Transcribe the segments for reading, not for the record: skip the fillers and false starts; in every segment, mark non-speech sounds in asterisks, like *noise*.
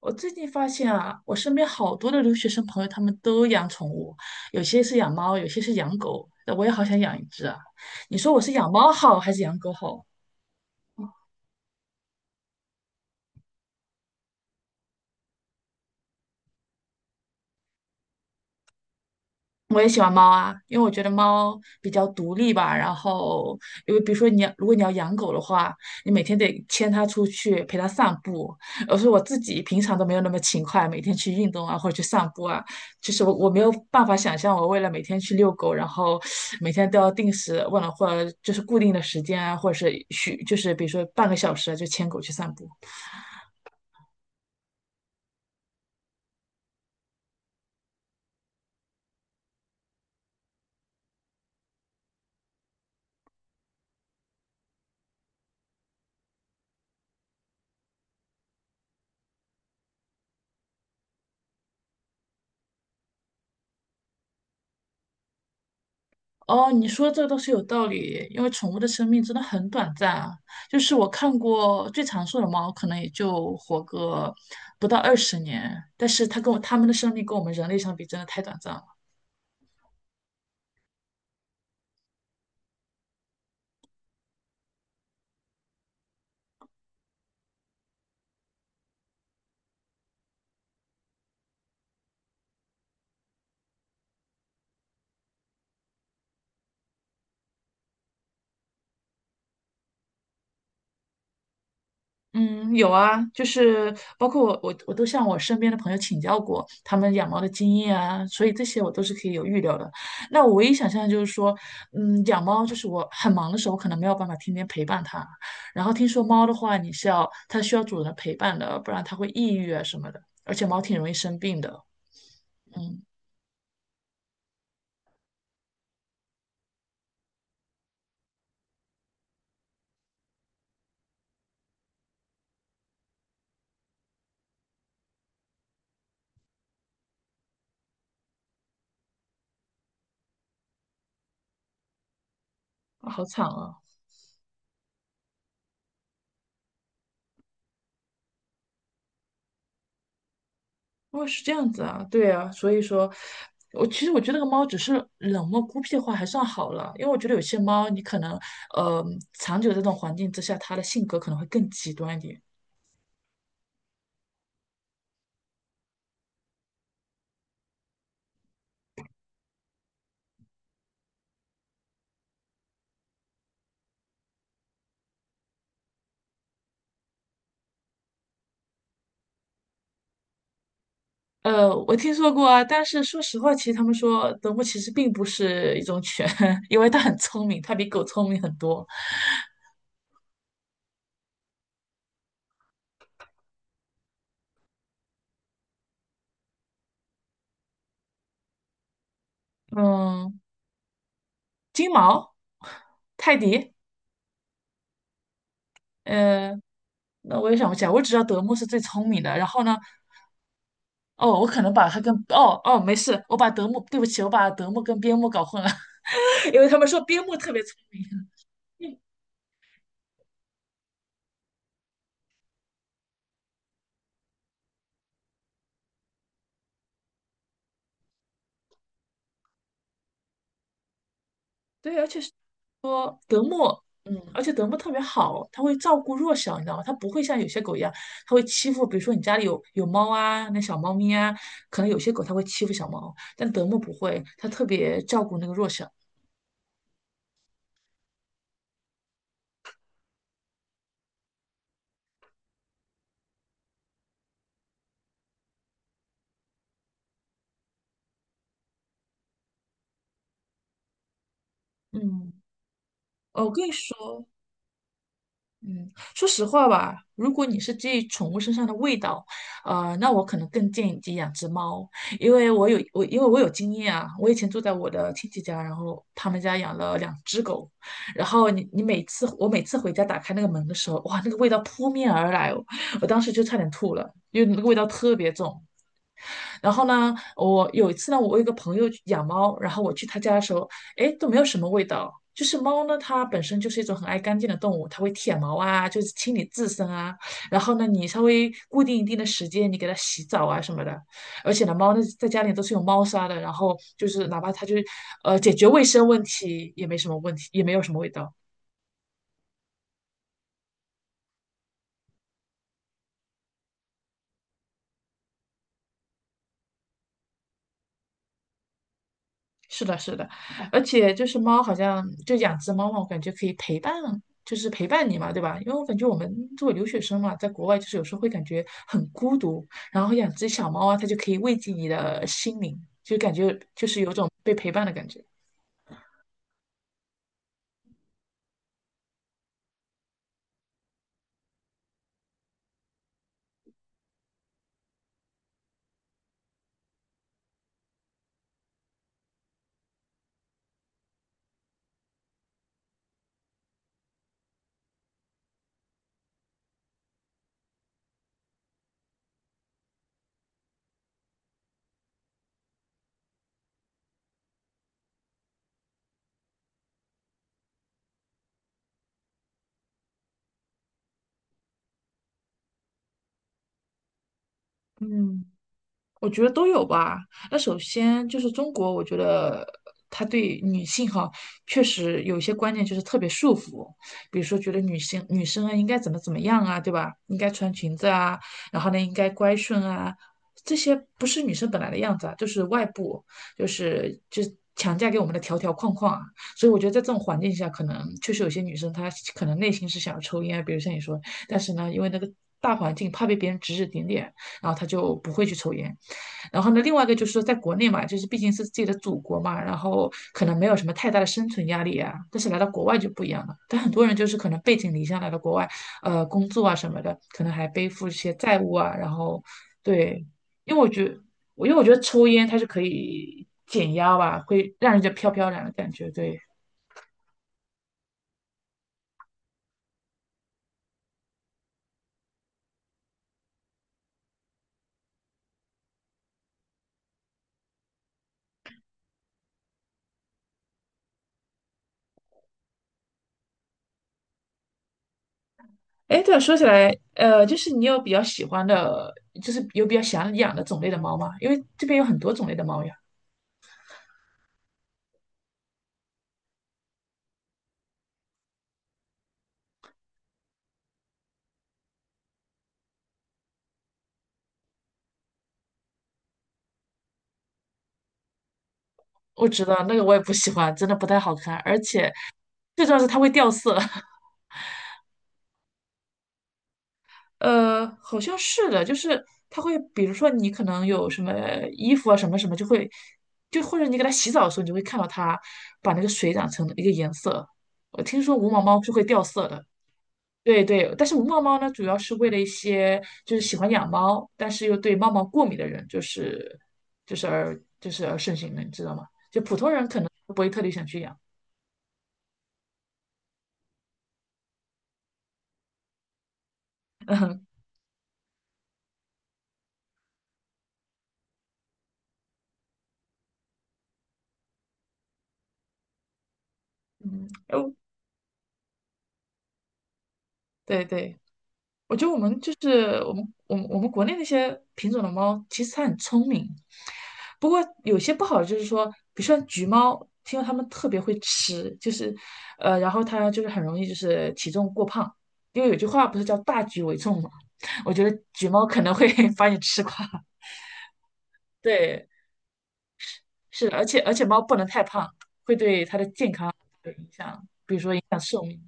我最近发现啊，我身边好多的留学生朋友，他们都养宠物，有些是养猫，有些是养狗。我也好想养一只啊！你说我是养猫好还是养狗好？我也喜欢猫啊，因为我觉得猫比较独立吧。然后，因为比如说你要，如果你要养狗的话，你每天得牵它出去陪它散步。而是我自己平常都没有那么勤快，每天去运动啊或者去散步啊，就是我没有办法想象我为了每天去遛狗，然后每天都要定时，忘了或者就是固定的时间啊，或者是许就是比如说半个小时啊就牵狗去散步。哦，你说的这个倒是有道理，因为宠物的生命真的很短暂啊。就是我看过最长寿的猫，可能也就活个不到20年，但是它跟我它们的生命跟我们人类相比，真的太短暂了。嗯，有啊，就是包括我，我都向我身边的朋友请教过他们养猫的经验啊，所以这些我都是可以有预料的。那我唯一想象的就是说，养猫就是我很忙的时候，可能没有办法天天陪伴它。然后听说猫的话，你是要它需要主人的陪伴的，不然它会抑郁啊什么的，而且猫挺容易生病的。嗯，好惨啊。哦，是这样子啊，对啊，所以说，我其实我觉得那个猫只是冷漠孤僻的话还算好了，因为我觉得有些猫你可能，呃，长久这种环境之下，它的性格可能会更极端一点。我听说过啊，但是说实话，其实他们说德牧其实并不是一种犬，*laughs* 因为它很聪明，它比狗聪明很多。嗯，金毛、泰迪，呃，那我也想不起来，我只知道德牧是最聪明的，然后呢？哦，我可能把它跟哦哦没事，我把德牧，对不起，我把德牧跟边牧搞混了，*laughs* 因为他们说边牧特别聪明，对，而且是说德牧，嗯，而且德牧特别好，它会照顾弱小，你知道吗？它不会像有些狗一样，它会欺负，比如说你家里有猫啊，那小猫咪啊，可能有些狗它会欺负小猫，但德牧不会，它特别照顾那个弱小。嗯，哦我跟你说。嗯，说实话吧，如果你是介意宠物身上的味道，那我可能更建议你养只猫，因为我有我因为我有经验啊，我以前住在我的亲戚家，然后他们家养了2只狗，然后你你每次我每次回家打开那个门的时候，哇，那个味道扑面而来哦，我当时就差点吐了，因为那个味道特别重，然后呢，我有一次呢，我有一个朋友养猫，然后我去他家的时候，哎，都没有什么味道。就是猫呢，它本身就是一种很爱干净的动物，它会舔毛啊，就是清理自身啊。然后呢，你稍微固定一定的时间，你给它洗澡啊什么的。而且呢，猫呢在家里都是有猫砂的，然后就是哪怕它就是解决卫生问题也没什么问题，也没有什么味道。是的，是的，而且就是猫，好像就养只猫嘛，我感觉可以陪伴，就是陪伴你嘛，对吧？因为我感觉我们作为留学生嘛，在国外就是有时候会感觉很孤独，然后养只小猫啊，它就可以慰藉你的心灵，就感觉就是有种被陪伴的感觉。嗯。我觉得都有吧。那首先就是中国，我觉得他对女性哈，确实有一些观念就是特别束缚，比如说觉得女性女生啊应该怎么怎么样啊，对吧？应该穿裙子啊，然后呢应该乖顺啊，这些不是女生本来的样子啊，就是外部，就是强加给我们的条条框框啊。所以我觉得在这种环境下，可能确实有些女生她可能内心是想要抽烟啊比如像你说，但是呢，因为那个大环境怕被别人指指点点，然后她就不会去抽烟。然后呢，另外一个就是说，在国内嘛，就是毕竟是自己的祖国嘛，然后可能没有什么太大的生存压力啊。但是来到国外就不一样了，但很多人就是可能背井离乡来到国外，工作啊什么的，可能还背负一些债务啊。然后，对，因为我觉得，我因为我觉得抽烟它是可以减压吧，会让人家飘飘然的感觉。对，哎，对了，说起来，就是你有比较喜欢的，就是有比较想养的种类的猫吗？因为这边有很多种类的猫呀。我知道那个我也不喜欢，真的不太好看，而且最重要是它会掉色。*laughs* 好像是的，就是它会，比如说你可能有什么衣服啊，什么什么，就会，就或者你给它洗澡的时候，你就会看到它把那个水染成一个颜色。我听说无毛猫是会掉色的，对对，但是无毛猫呢，主要是为了一些就是喜欢养猫，但是又对猫毛过敏的人，就是就是而就是而盛行的，你知道吗？就普通人可能不会特别想去养。*laughs* 嗯，哦。对对，我觉得我们就是我们我们我们国内那些品种的猫，其实它很聪明，不过有些不好的就是说，比如说橘猫，听说它们特别会吃，就是然后它就是很容易就是体重过胖，因为有句话不是叫大局为重嘛，*laughs* 我觉得橘猫可能会 *laughs* 把你吃垮。*laughs* 对，是的而且猫不能太胖，有影响。寿命。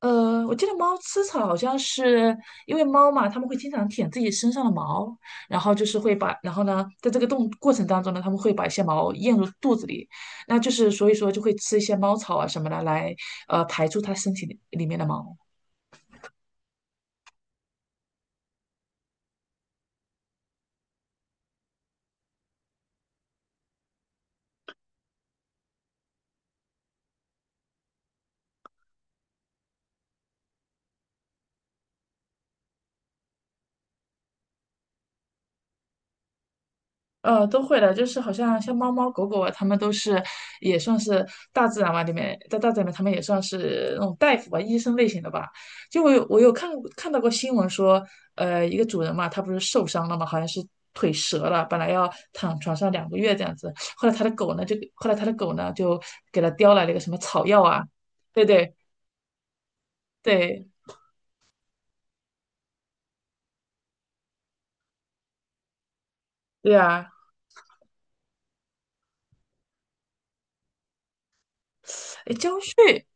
我记得猫吃草好像是因为猫嘛，它们会经常舔自己身上的毛，然后就是会把，然后呢，在这个动过程当中呢，它们会把一些毛咽入肚子里，那就是所以说就会吃一些猫草啊什么的来，排出它身体里面的毛。都会的，就是好像像猫猫狗狗啊，它们都是也算是大自然吧，里面在大自然里面，它们也算是那种大夫吧，医生类型的吧。就我有看到过新闻说，一个主人嘛，他不是受伤了嘛，好像是腿折了，本来要躺床上2个月这样子，后来他的狗呢就给他叼来了一个什么草药啊，对对对对啊，哎，交税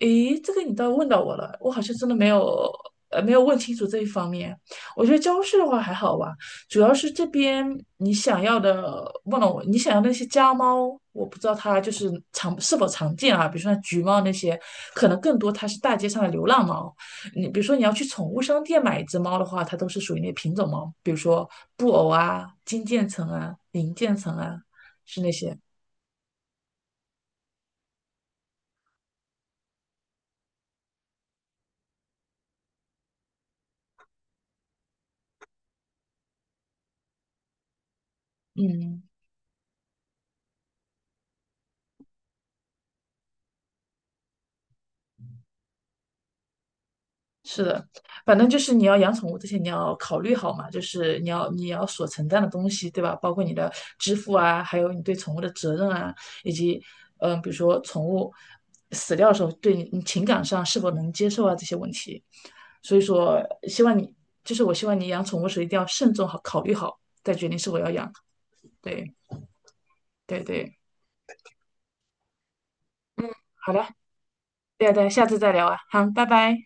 诶，这个你倒问到我了，我好像真的没有，没有问清楚这一方面。我觉得教室的话还好吧，主要是这边你想要的，问了我，你想要那些家猫，我不知道它就是常是否常见啊，比如说像橘猫那些，可能更多它是大街上的流浪猫。你比如说你要去宠物商店买一只猫的话，它都是属于那品种猫，比如说布偶啊、金渐层啊、银渐层啊，是那些，嗯。是的，反正就是你要养宠物之前，你要考虑好嘛，就是你要所承担的东西，对吧？包括你的支付啊，还有你对宠物的责任啊，以及比如说宠物死掉的时候，对你情感上是否能接受啊这些问题。所以说，希望你就是我希望你养宠物时一定要慎重好考虑好，再决定是否要养。对对对，好的，对对，下次再聊啊，好，拜拜。